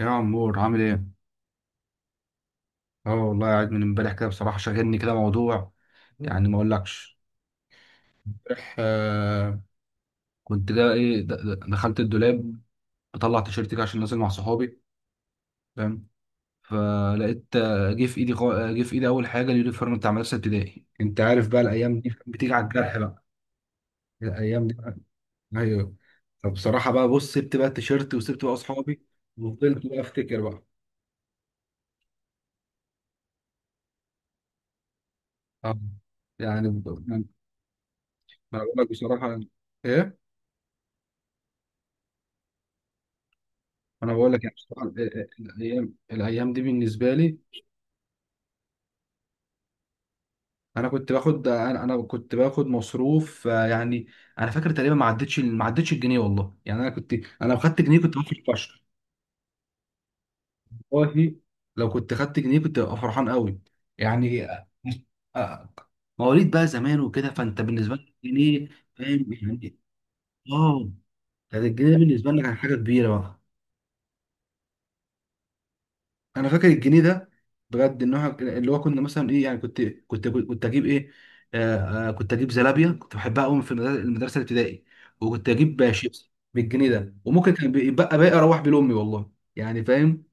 يا عمور عامل ايه؟ اه والله قاعد من امبارح كده بصراحة شاغلني كده موضوع يعني ما اقولكش. امبارح كنت جا ايه دخلت الدولاب بطلع تيشيرت كده عشان نازل مع صحابي، فاهم؟ فلقيت جه في ايدي جه في ايدي اول حاجة اليونيفورم بتاع مدرسة ابتدائي. انت عارف بقى الايام دي بتيجي على الجرح بقى، الايام دي. ايوه. فبصراحة بقى بص، سبت بقى التيشيرت وسبت بقى اصحابي وفضلت بقى افتكر بقى. اه يعني ما. أنا بقول لك بصراحة. ايه. انا بقول لك يعني بصراحة الايام دي بالنسبه لي. انا كنت باخد، انا كنت باخد مصروف يعني، انا فاكر تقريبا ما عدتش ما عدتش الجنيه والله. يعني انا كنت، انا لو خدت جنيه كنت باخد فشخ. والله لو كنت خدت جنيه كنت ابقى فرحان قوي يعني. آه، مواليد بقى زمان وكده، فانت بالنسبه لك جنيه، فاهم يعني. اه كان الجنيه بالنسبه لنا كان حاجه كبيره بقى. انا فاكر الجنيه ده بجد، ان هو اللي هو كنا مثلا ايه يعني، كنت اجيب ايه. كنت اجيب زلابيا، كنت بحبها قوي في المدرسة الابتدائي. وكنت اجيب شيبسي بالجنيه ده، وممكن كان بيبقى باقي اروح بيه لامي والله، يعني فاهم.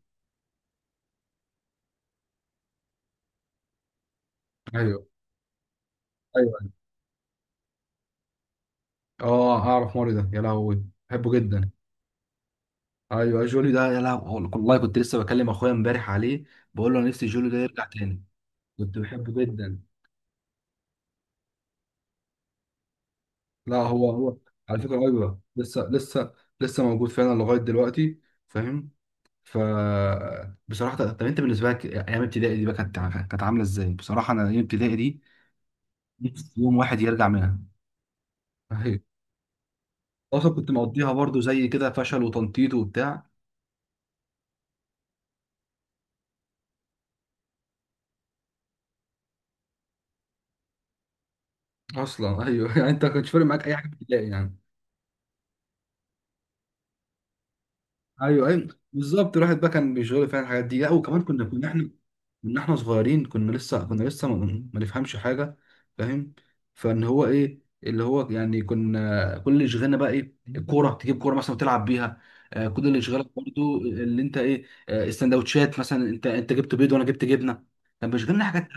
ايوه ايوه. اه اعرف ماري ده، يا لهوي بحبه جدا. ايوه جولي ده، يا لهوي والله كنت لسه بكلم اخويا امبارح عليه، بقول له انا نفسي جولي ده يرجع تاني، كنت بحبه جدا. لا، هو على فكره ايوه، لسه موجود فعلا لغايه دلوقتي، فاهم. ف بصراحه طب انت بالنسبه لك ايام ابتدائي دي بقى كانت، كانت عامله ازاي؟ بصراحه انا ايام ابتدائي دي نفسي يوم واحد يرجع منها. ايوه. اصلا كنت مقضيها برضو زي كده فشل وتنطيط وبتاع. اصلا ايوه. يعني انت ما كانش فارق معاك اي حاجه في ابتدائي يعني؟ ايوه، بالظبط، الواحد بقى كان بيشغله فعلا الحاجات دي. لا وكمان كنا احنا من احنا صغيرين، كنا لسه ما نفهمش حاجه، فاهم. فان هو ايه اللي هو، يعني كنا كل اللي شغلنا بقى ايه، الكوره، تجيب كوره مثلا وتلعب بيها. آه كل اللي شغلك برضو اللي انت ايه، آه السندوتشات مثلا، انت جبت بيض وانا جبت جبنه. كان بيشغلنا حاجات،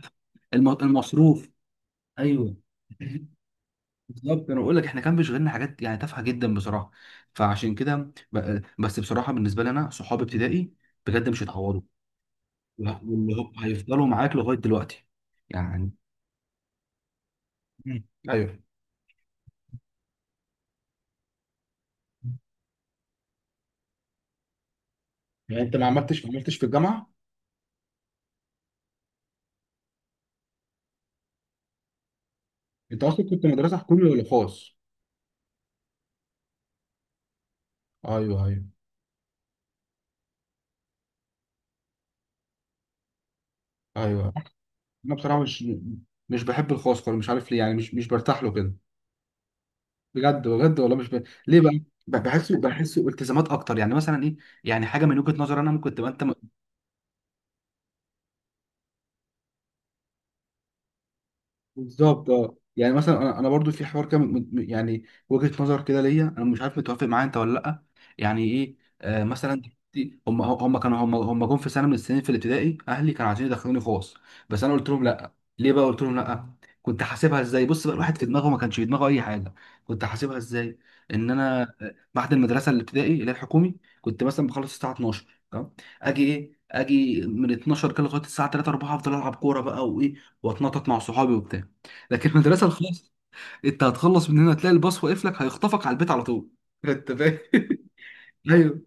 المصروف. ايوه بالظبط. انا بقول لك احنا كان بيشغلنا حاجات يعني تافهه جدا بصراحه، فعشان كده بس بصراحه بالنسبه لي انا صحاب ابتدائي بجد مش هيتعوضوا. لا، واللي هو هيفضلوا معاك لغايه دلوقتي يعني. مم. ايوه. يعني انت ما عملتش في الجامعه؟ انت اصلا كنت مدرسه حكومي ولا خاص؟ ايوه ايوه ايوه. انا بصراحه مش، مش بحب الخاص خالص، مش عارف ليه يعني، مش برتاح له كده بجد بجد والله. مش ب... ليه بقى؟ بحسه، بحسه التزامات اكتر، يعني مثلا ايه، يعني حاجه من وجهه نظر انا ممكن تبقى انت، بالظبط اه. يعني مثلا انا برضو في حوار كده يعني وجهة نظر كده ليا انا، مش عارف متوافق معايا انت ولا لا. يعني ايه، آه مثلا دلوقتي هم كانوا هم جم في سنه من السنين في الابتدائي اهلي كانوا عايزين يدخلوني خاص، بس انا قلت لهم لا. ليه بقى قلت لهم لا؟ كنت حاسبها ازاي؟ بص بقى، الواحد في دماغه ما كانش في دماغه اي حاجه. كنت حاسبها ازاي؟ ان انا بعد المدرسه الابتدائي اللي هي الحكومي كنت مثلا بخلص الساعه 12 تمام، اجي ايه اجي من 12 كده لغايه الساعه 3 4 افضل العب كوره بقى وايه، واتنطط مع صحابي وبتاع. لكن المدرسه الخاصه انت هتخلص من هنا تلاقي الباص واقف لك هيخطفك على البيت على طول، انت فاهم. ايوه.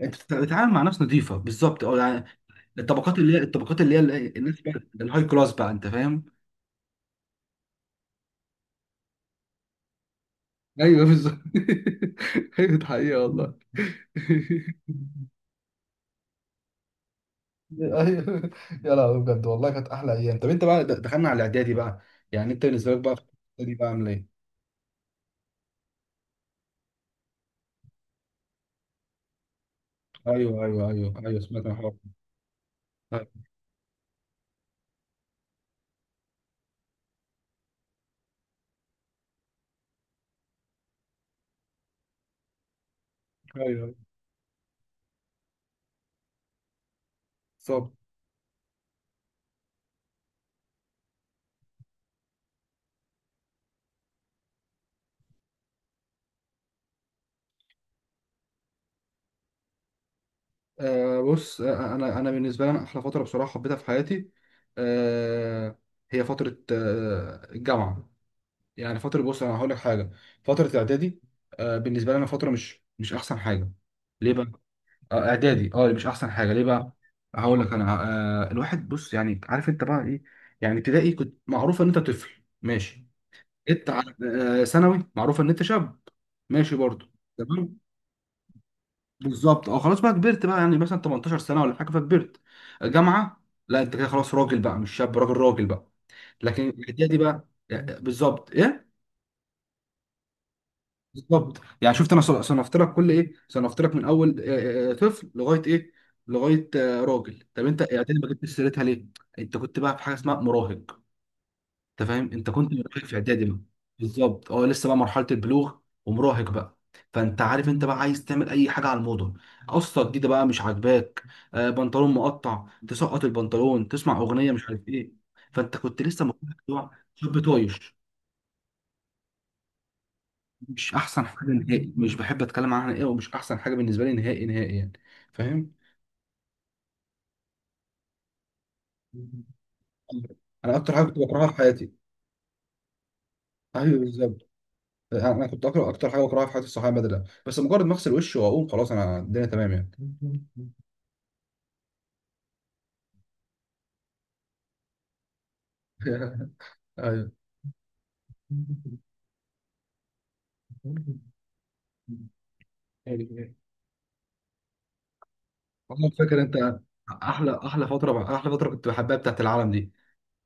انت بتتعامل مع ناس نظيفه، بالظبط اه، يعني الطبقات اللي هي، الطبقات اللي هي الناس بقى الهاي كلاس بقى، انت فاهم. ايوه بالظبط. ايوه ده حقيقة والله. ايوه يا لهوي، بجد والله كانت احلى ايام. طب انت بقى دخلنا على الاعدادي بقى، يعني انت بالنسبه لك بقى في الاعدادي بقى عامل ايه؟ ايوه ايوه ايوه ايوه، سمعت عن الحوار ده. ايوه أيوة. بالظبط. بص، انا بالنسبه لي انا احلى فتره بصراحه حبيتها في حياتي آه هي فتره آه الجامعه. يعني فتره بص انا هقول لك حاجه، فتره الاعدادي آه بالنسبه لي انا فتره مش احسن حاجه. ليه بقى؟ آه اعدادي اه مش احسن حاجه. ليه بقى؟ هقول لك انا، آه الواحد بص يعني، عارف انت بقى ايه، يعني ابتدائي كنت معروف ان انت طفل ماشي، جيت على آه ثانوي معروف ان انت شاب ماشي برضه، تمام. بالظبط اه خلاص بقى كبرت بقى يعني مثلا 18 سنه ولا حاجه فكبرت. جامعه لا انت كده خلاص راجل بقى، مش شاب، راجل راجل بقى. لكن الاعدادي بقى يعني بالظبط ايه؟ بالظبط يعني شفت، انا صنفت لك كل ايه، صنفت لك من اول طفل لغايه ايه، لغايه راجل. طب انت اعدادي ما جبتش سيرتها ليه؟ انت كنت بقى في حاجه اسمها مراهق، انت فاهم، انت كنت مراهق في اعدادي بقى، بالظبط اه، لسه بقى مرحله البلوغ ومراهق بقى. فانت عارف انت بقى عايز تعمل اي حاجه على الموضه، قصه جديده بقى مش عاجباك، آه بنطلون مقطع تسقط البنطلون، تسمع اغنيه مش عارف ايه. فانت كنت لسه مقتنع شاب طايش. مش احسن حاجه نهائي، مش بحب اتكلم عنها ايه، ومش احسن حاجه بالنسبه لي نهائي نهائي يعني، فاهم. انا اكتر حاجه كنت بكرهها في حياتي. ايوه بالظبط. انا كنت اقرا اكتر حاجه بكرهها في حياتي الصحابه بدله، بس مجرد ما اغسل وشي واقوم خلاص انا الدنيا تمام يعني. ايوه. والله فاكر انت، احلى فتره كنت بحبها بتاعت العالم دي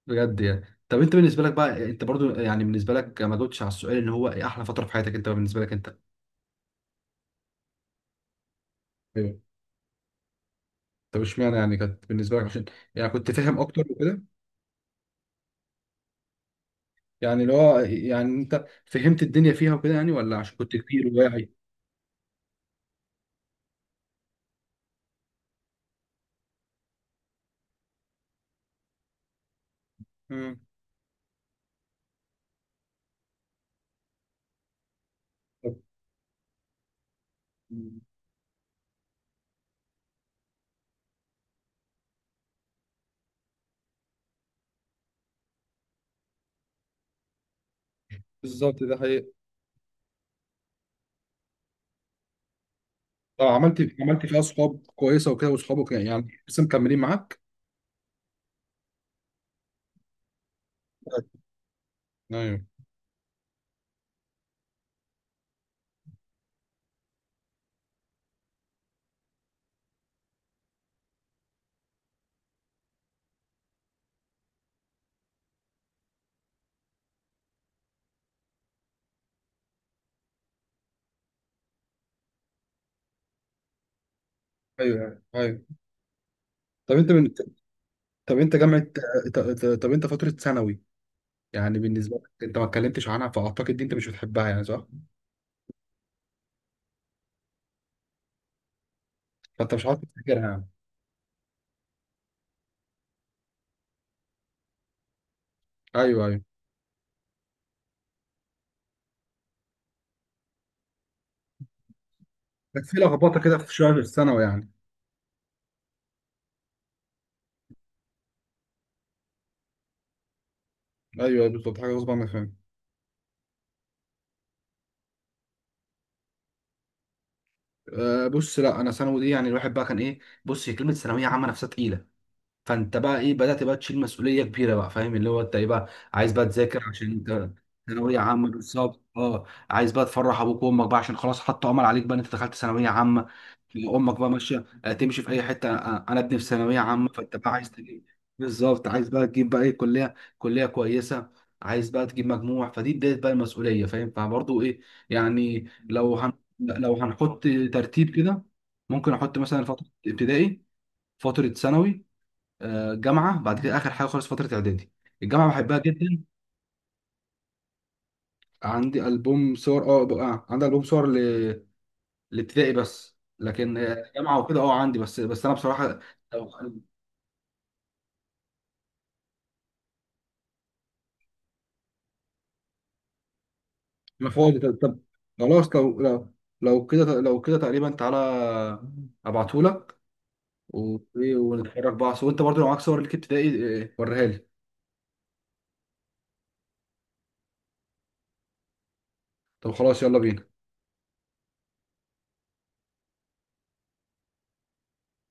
بجد يعني. طب انت بالنسبه لك بقى، انت برضو يعني بالنسبه لك ما جاوبتش على السؤال، اللي هو ايه احلى فتره في حياتك انت؟ بالنسبه لك انت. ايوه. طب اشمعنى؟ يعني كانت بالنسبه لك عشان، يعني كنت فاهم اكتر وكده، يعني اللي هو يعني انت فهمت الدنيا فيها وكده يعني، ولا عشان كنت كبير وواعي؟ امم. بالظبط ده حقيقي. اه عملت، عملت فيها اصحاب كويسه وكده، واصحابك يعني لسه مكملين معاك. ايوه. ايوه. طب انت من... طب انت جامعه، طب انت فتره ثانوي يعني بالنسبه لك انت ما اتكلمتش عنها، فاعتقد دي انت مش بتحبها يعني، صح؟ فانت مش عارف تفتكرها يعني. ايوه ايوه. كانت في لخبطه كده في شويه في الثانوي يعني. ايوه أيوة، بالظبط، حاجه غصب عنك، فاهم. أه بص، لا انا ثانوي دي يعني الواحد بقى كان ايه، بص هي كلمه ثانويه عامه نفسها تقيله، فانت بقى ايه بدات بقى تشيل مسؤوليه كبيره بقى، فاهم، اللي هو انت ايه بقى، عايز بقى تذاكر عشان انت ثانويه عامه. بالظبط اه، عايز بقى تفرح ابوك وامك بقى عشان خلاص حطوا امل عليك بقى ان انت دخلت ثانويه عامه، امك بقى ماشيه تمشي في اي حته انا ابني في ثانويه عامه. فانت بقى عايز تجيب، بالظبط عايز بقى تجيب بقى ايه، كليه كويسه، عايز بقى تجيب مجموع، فدي بدايه بقى المسؤوليه، فاهم. فبرضه ايه يعني، لو هن... لو هنحط ترتيب كده، ممكن احط مثلا فتره ابتدائي، فتره ثانوي، جامعه، بعد كده اخر حاجه خالص فتره اعدادي. الجامعه بحبها جدا. عندي البوم صور، اه بقى عندي البوم صور لابتدائي بس، لكن جامعه وكده اه عندي. بس انا بصراحه، لو، ما فاضي. طب، خلاص لو لو كده تقريبا، تعالى ابعتهولك، و- ونتفرج بقى. وانت برضو لو معاك صور ليك ابتدائي وريها لي. طب خلاص يلا بينا.